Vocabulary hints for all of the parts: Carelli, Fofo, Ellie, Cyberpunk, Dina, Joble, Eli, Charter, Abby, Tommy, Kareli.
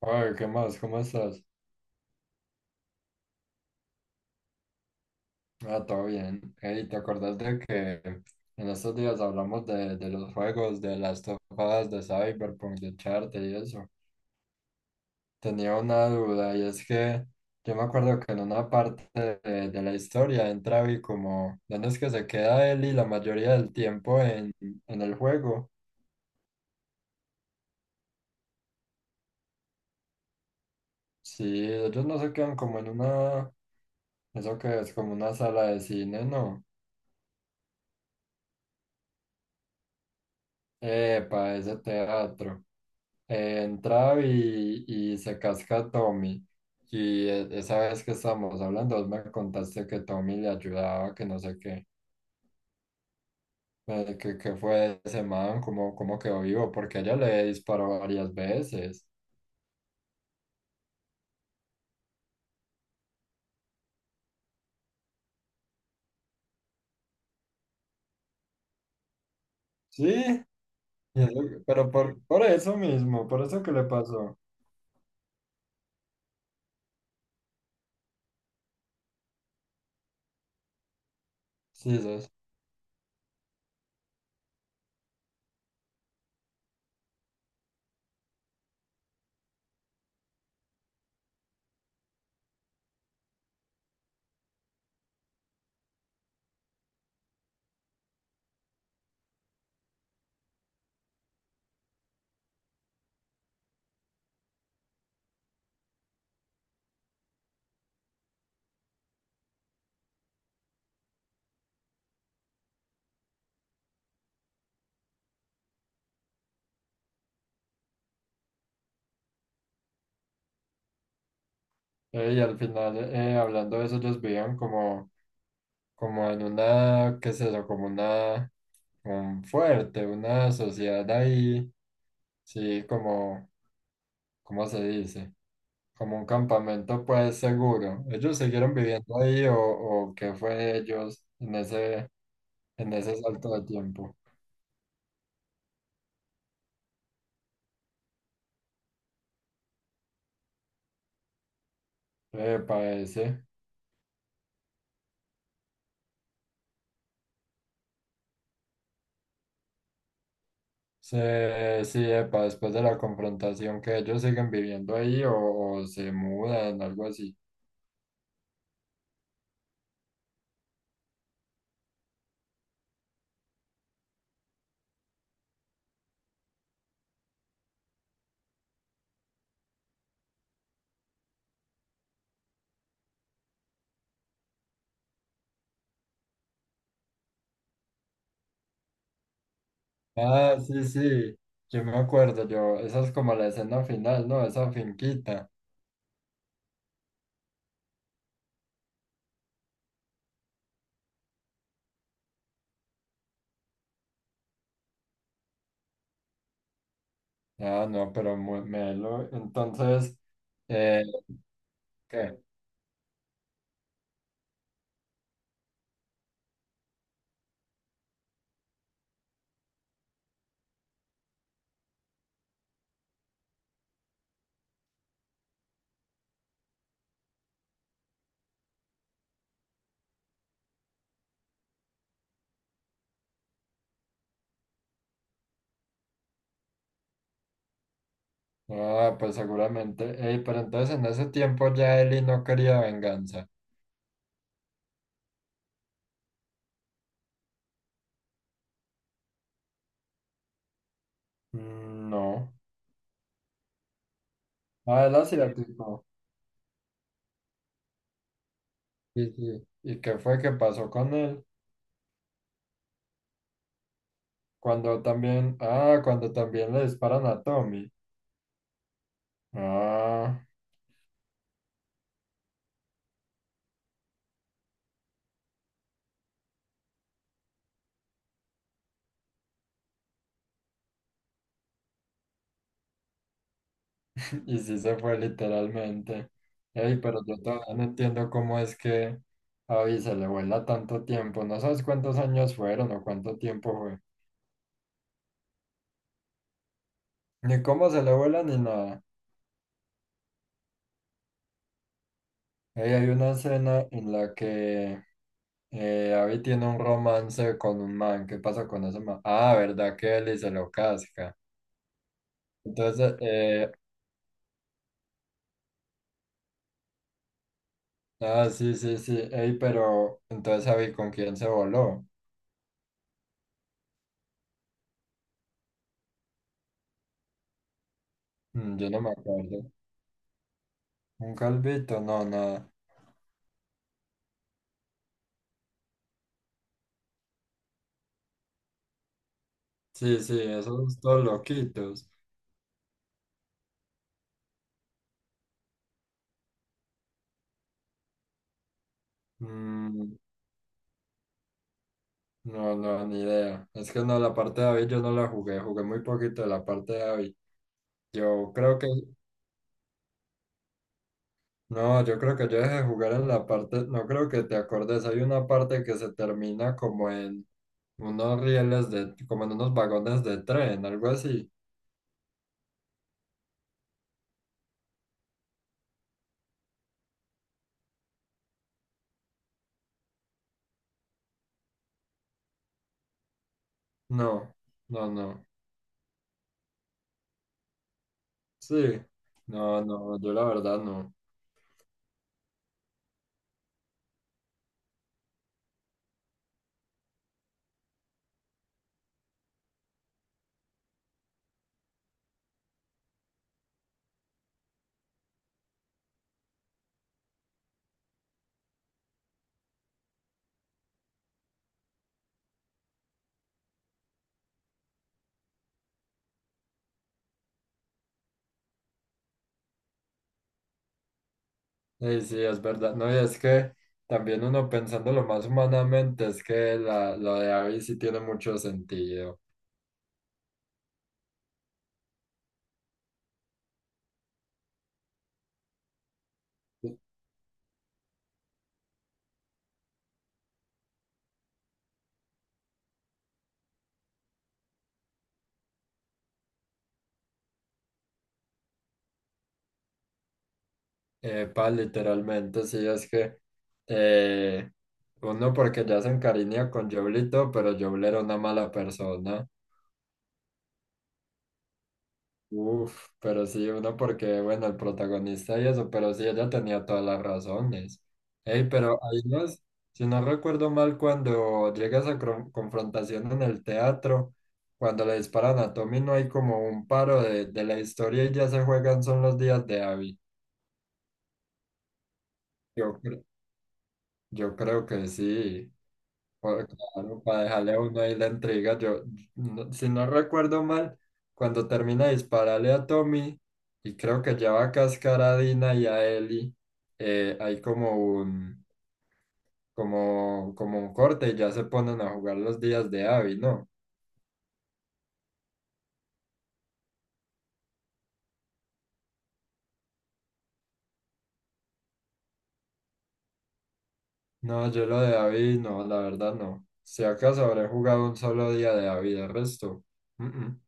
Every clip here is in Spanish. Oye, ¿qué más? ¿Cómo estás? Ah, todo bien. Hey, ¿te acordás de que en estos días hablamos de los juegos, de las topadas de Cyberpunk, de Charter y eso? Tenía una duda y es que yo me acuerdo que en una parte de la historia entra Abby como, ¿dónde es que se queda él y la mayoría del tiempo en el juego? Sí, ellos no se quedan como en una, eso que es como una sala de cine, ¿no? Epa, ese teatro. Entraba y se casca a Tommy. Y esa vez que estábamos hablando, vos me contaste que Tommy le ayudaba, que no sé qué, que fue ese man, cómo quedó vivo, porque ella le disparó varias veces. Sí, pero por eso mismo, por eso que le pasó. Sí, sos. Y al final, hablando de eso, ellos vivían como, como en una, qué es eso, como una, un fuerte, una sociedad ahí, sí, como ¿cómo se dice? Como un campamento pues seguro. ¿Ellos siguieron viviendo ahí o qué fue ellos en ese salto de tiempo? Epa, ese. Sí, sí, epa, después de la confrontación que ellos siguen viviendo ahí o se mudan, algo así. Ah, sí, sí, yo me acuerdo, yo, esa es como la escena final, ¿no? Esa finquita. Ah, no, pero muy melo. Entonces, eh, ¿qué? Ah, pues seguramente. Ey, pero entonces en ese tiempo ya Eli no quería venganza. Mm, no. Ah, él hacía tipo. Sí, sí. ¿Y qué fue que pasó con él? Cuando también, ah, cuando también le disparan a Tommy. Ah, y sí se fue literalmente. Ey, pero yo todavía no entiendo cómo es que a Abby se le vuela tanto tiempo. No sabes cuántos años fueron o cuánto tiempo fue. Ni cómo se le vuela ni nada. Ey, hay una escena en la que Abby tiene un romance con un man. ¿Qué pasa con ese man? Ah, ¿verdad que Eli se lo casca? Entonces, ah, sí, sí, sí. Ey, pero entonces Abby, ¿con quién se voló? Mm, yo no me acuerdo. ¿Un calvito? No, nada. Sí, sí, esos todos loquitos. Mm, no, no, ni idea. Es que no, la parte de Abby yo no la jugué. Jugué muy poquito de la parte de Abby. Yo creo que, no, yo creo que yo dejé de jugar en la parte, no creo que te acordes, hay una parte que se termina como en unos rieles de, como en unos vagones de tren, algo así. No, no, no. Sí, no, no, yo la verdad no. Sí, sí, es verdad. No, y es que también uno pensándolo más humanamente, es que la, lo de Abby sí tiene mucho sentido. Epa, literalmente, sí, es que eh, uno porque ya se encariña con Joblito, pero Joble era una mala persona. Uf, pero sí, uno porque, bueno, el protagonista y eso, pero sí, ella tenía todas las razones. Ey, pero ahí no si no recuerdo mal, cuando llega esa confrontación en el teatro, cuando le disparan a Tommy, no hay como un paro de la historia y ya se juegan son los días de Abby. Yo, cre- yo creo que sí. Por- claro, para dejarle a uno ahí la entrega. Yo, si no recuerdo mal, cuando termina de dispararle a Tommy, y creo que ya va a cascar a Dina y a Ellie, hay como un, como, como un corte y ya se ponen a jugar los días de Abby, ¿no? No, yo lo de Abby, no, la verdad no. Si acaso habré jugado un solo día de Abby, de resto. Mm, mm.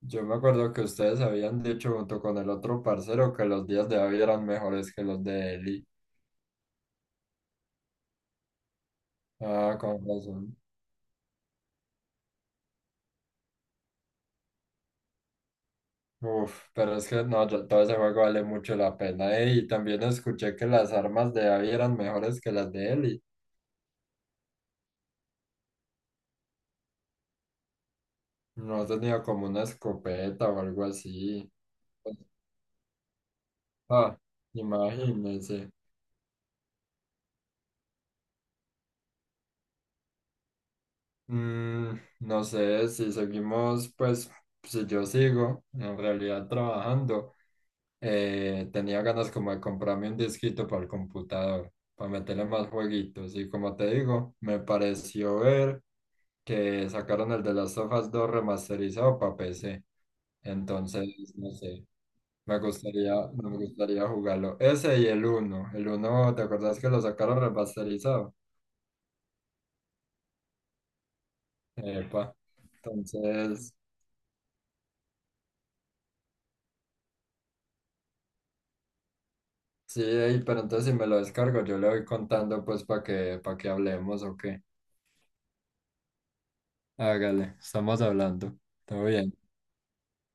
Yo me acuerdo que ustedes habían dicho junto con el otro parcero que los días de Abby eran mejores que los de Ellie. Ah, con razón. Uf, pero es que no, todo ese juego vale mucho la pena. Eh, y también escuché que las armas de Abby eran mejores que las de Eli. No tenía como una escopeta o algo así. Ah, imagínense. Mm, no sé si seguimos, pues, si yo sigo en realidad trabajando, tenía ganas como de comprarme un disquito para el computador, para meterle más jueguitos. Y como te digo, me pareció ver. Que sacaron el de las Last 2 remasterizado para PC. Entonces, no sé, me gustaría, no me gustaría jugarlo. Ese y el uno. El uno ¿te acuerdas que lo sacaron remasterizado? Epa. Entonces, sí, ey, pero entonces si me lo descargo, yo le voy contando pues para que hablemos o qué. Hágale, estamos hablando. Todo bien.